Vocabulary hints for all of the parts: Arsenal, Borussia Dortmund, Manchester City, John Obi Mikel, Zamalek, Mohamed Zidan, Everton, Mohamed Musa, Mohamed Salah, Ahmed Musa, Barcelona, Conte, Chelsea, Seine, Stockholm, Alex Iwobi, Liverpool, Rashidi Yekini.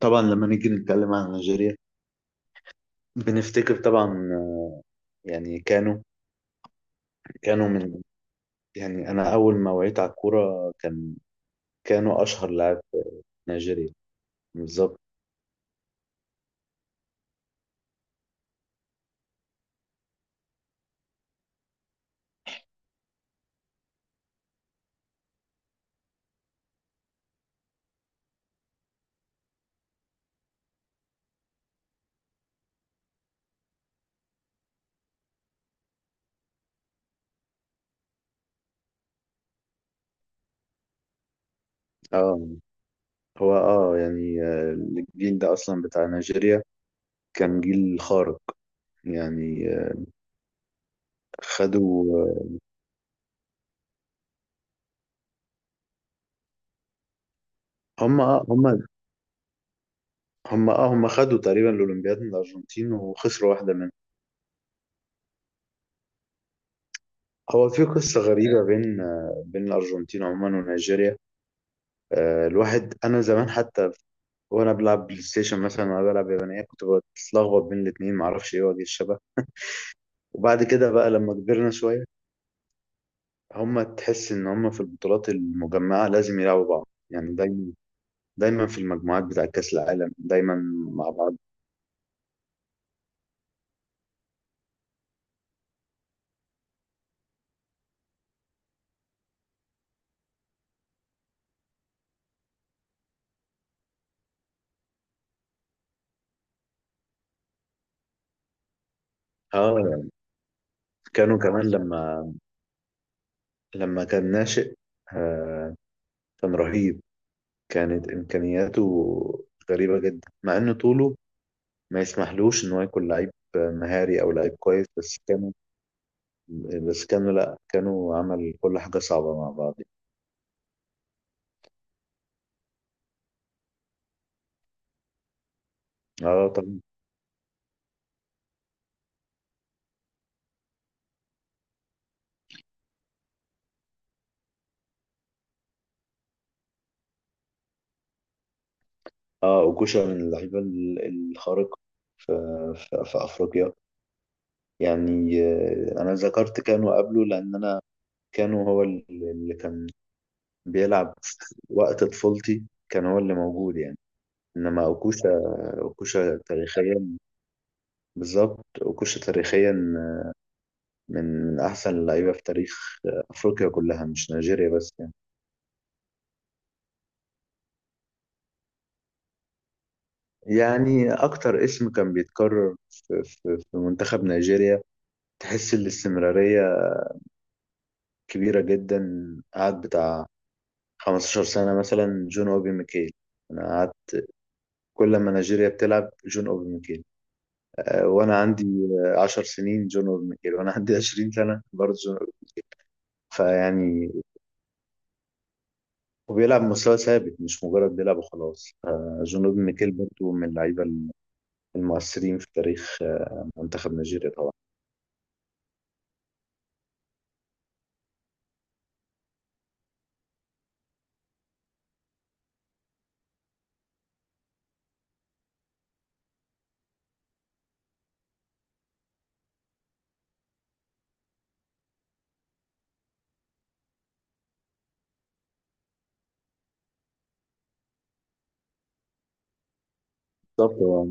طبعا لما نيجي نتكلم عن نيجيريا، بنفتكر طبعا. يعني كانوا من. يعني انا اول ما وعيت على الكوره، كان كانوا اشهر لاعب في نيجيريا. بالظبط. اه هو، يعني، الجيل ده اصلا بتاع نيجيريا كان جيل خارق. يعني خدوا آه، هم آه هم هم اه هم خدوا تقريبا الاولمبياد من الارجنتين وخسروا واحده منهم. هو في قصه غريبه بين الارجنتين عموما ونيجيريا. الواحد، انا زمان حتى وانا بلعب بلاي ستيشن مثلا، وانا بلعب يابانيه كنت بتلخبط بين الاثنين، معرفش ايه وجه الشبه. وبعد كده بقى لما كبرنا شويه، هما تحس ان هما في البطولات المجمعه لازم يلعبوا بعض يعني دايما. دايما في المجموعات بتاع كاس العالم، دايما مع بعض. اه كانوا كمان لما كان ناشئ. آه كان رهيب. كانت امكانياته غريبه جدا، مع ان طوله ما يسمحلوش ان هو يكون لعيب مهاري او لعيب كويس، بس كانوا، لا، كانوا عمل كل حاجة صعبة مع بعض. اه، طبعا. اه وكوشا من اللعيبة الخارقة في, في في أفريقيا. يعني أنا ذكرت كانوا قبله، لأن كانوا هو اللي كان بيلعب وقت طفولتي، كان هو اللي موجود يعني. إنما أوكوشا، أوكوشا تاريخيا. بالظبط، أوكوشا تاريخيا من أحسن اللعيبة في تاريخ أفريقيا كلها، مش نيجيريا بس يعني. يعني أكتر اسم كان بيتكرر في منتخب نيجيريا، تحس الاستمرارية كبيرة جدا. قعد بتاع 15 سنة مثلا، جون أوبي ميكيل. أنا قعدت كل ما نيجيريا بتلعب جون أوبي ميكيل، وأنا عندي 10 سنين جون أوبي ميكيل، وأنا عندي 20 سنة برضه جون أوبي. فيعني، وبيلعب مستوى ثابت مش مجرد بيلعب وخلاص. جون أوبي ميكيل برضه من اللعيبة المؤثرين في تاريخ منتخب نيجيريا طبعا. بالظبط. هو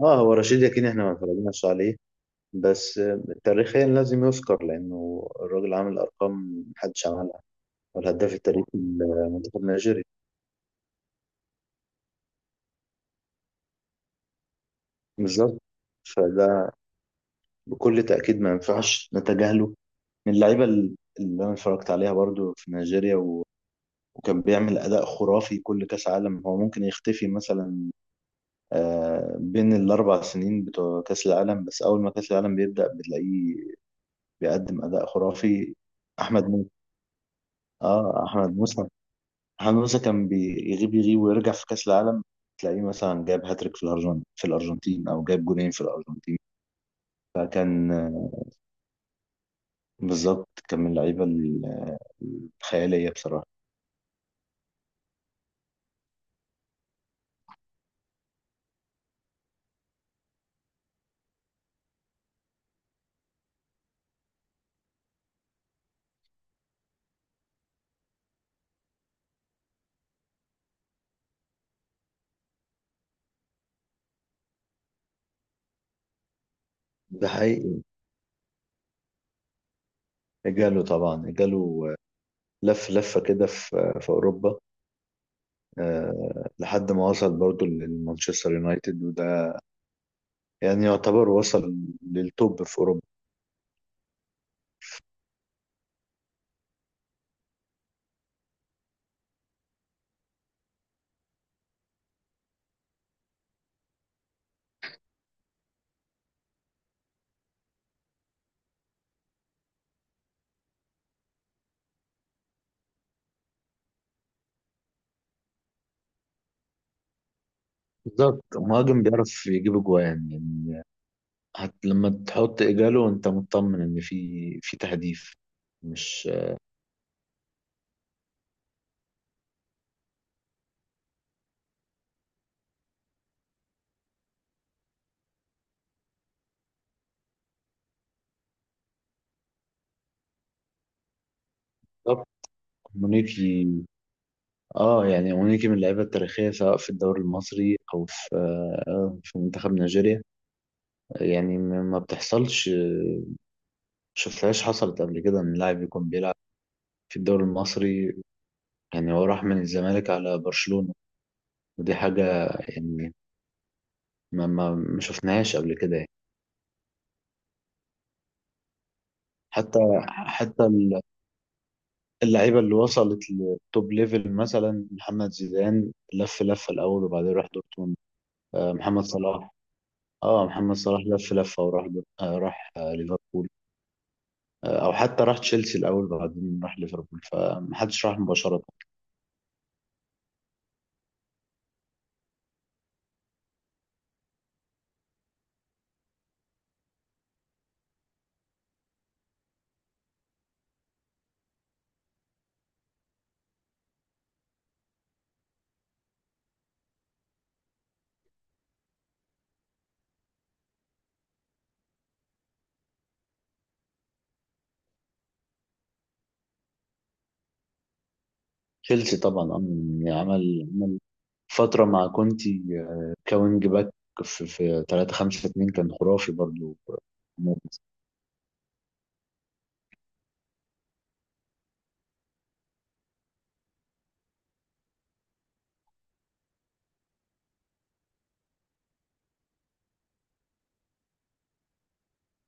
اه هو رشيد يقين، احنا ما اتفرجناش عليه، بس تاريخيا لازم يذكر، لانه الراجل عامل ارقام محدش عملها، والهداف التاريخي لمنتخب نيجيريا. بالظبط. فده بكل تاكيد ما ينفعش نتجاهله، من اللعيبه اللي انا اتفرجت عليها برضو في نيجيريا، و... وكان بيعمل اداء خرافي كل كاس عالم. هو ممكن يختفي مثلا بين الاربع سنين بتوع كاس العالم، بس اول ما كاس العالم بيبدا بتلاقيه بيقدم اداء خرافي. احمد موسى. اه، احمد موسى. محمد موسى كان يغيب ويرجع في كأس العالم، تلاقيه مثلا جاب هاتريك في الأرجنتين، أو جاب جونين في الأرجنتين. فكان، بالظبط، كان من اللعيبة الخيالية بصراحة. ده حقيقي. جاله طبعا، جاله، لف لفة كده في أوروبا، لحد ما وصل برضه لمانشستر يونايتد، وده يعني يعتبر وصل للتوب في أوروبا. بالظبط. مهاجم بيعرف يجيب أجوان يعني، لما تحط إجاله أنت مطمن إن في تهديف، مش. طب، مونيكي. اه، يعني مونيكي من اللعيبه التاريخيه، سواء في الدوري المصري او في منتخب نيجيريا. يعني ما بتحصلش، شفتهاش حصلت قبل كده ان لاعب يكون بيلعب في الدوري المصري، يعني هو راح من الزمالك على برشلونه. ودي حاجه يعني ما شفناهاش قبل كده يعني. حتى حتى اللعيبه اللي وصلت للتوب ليفل، مثلا محمد زيدان لف لفه الاول وبعدين راح دورتموند. محمد صلاح. اه، محمد صلاح لف لفه وراح راح ليفربول، او حتى راح تشيلسي الاول بعدين راح ليفربول، فمحدش راح مباشره. تشيلسي طبعا. يعني عمل فتره مع كونتي، كوينج باك في 3-5-2 كان خرافي برضو.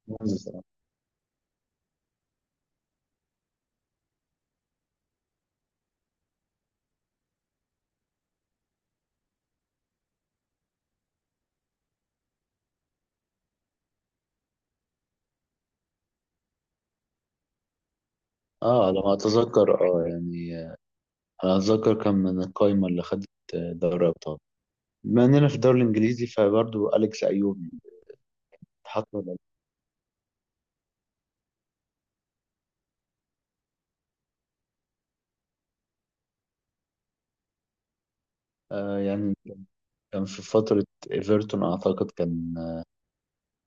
ممتاز. اه، على ما اتذكر، يعني انا اتذكر كان من القايمه اللي خدت دوري ابطال، بما اننا في الدوري الانجليزي فبرضه اليكس ايوب يعني. اتحط ولا لأ؟ يعني كان في فتره ايفرتون، اعتقد كان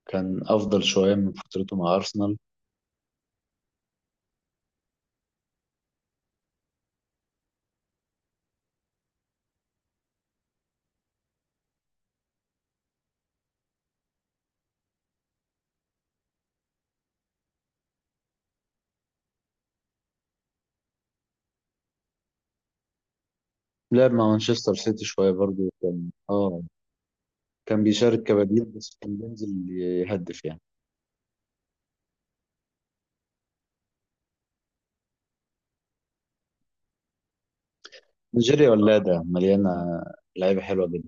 كان افضل شويه من فترته مع ارسنال. لعب مع مانشستر سيتي شويه برضه، كان بيشارك كبديل، بس كان بينزل يهدف يعني. نيجيريا ولاده مليانه لعيبه حلوه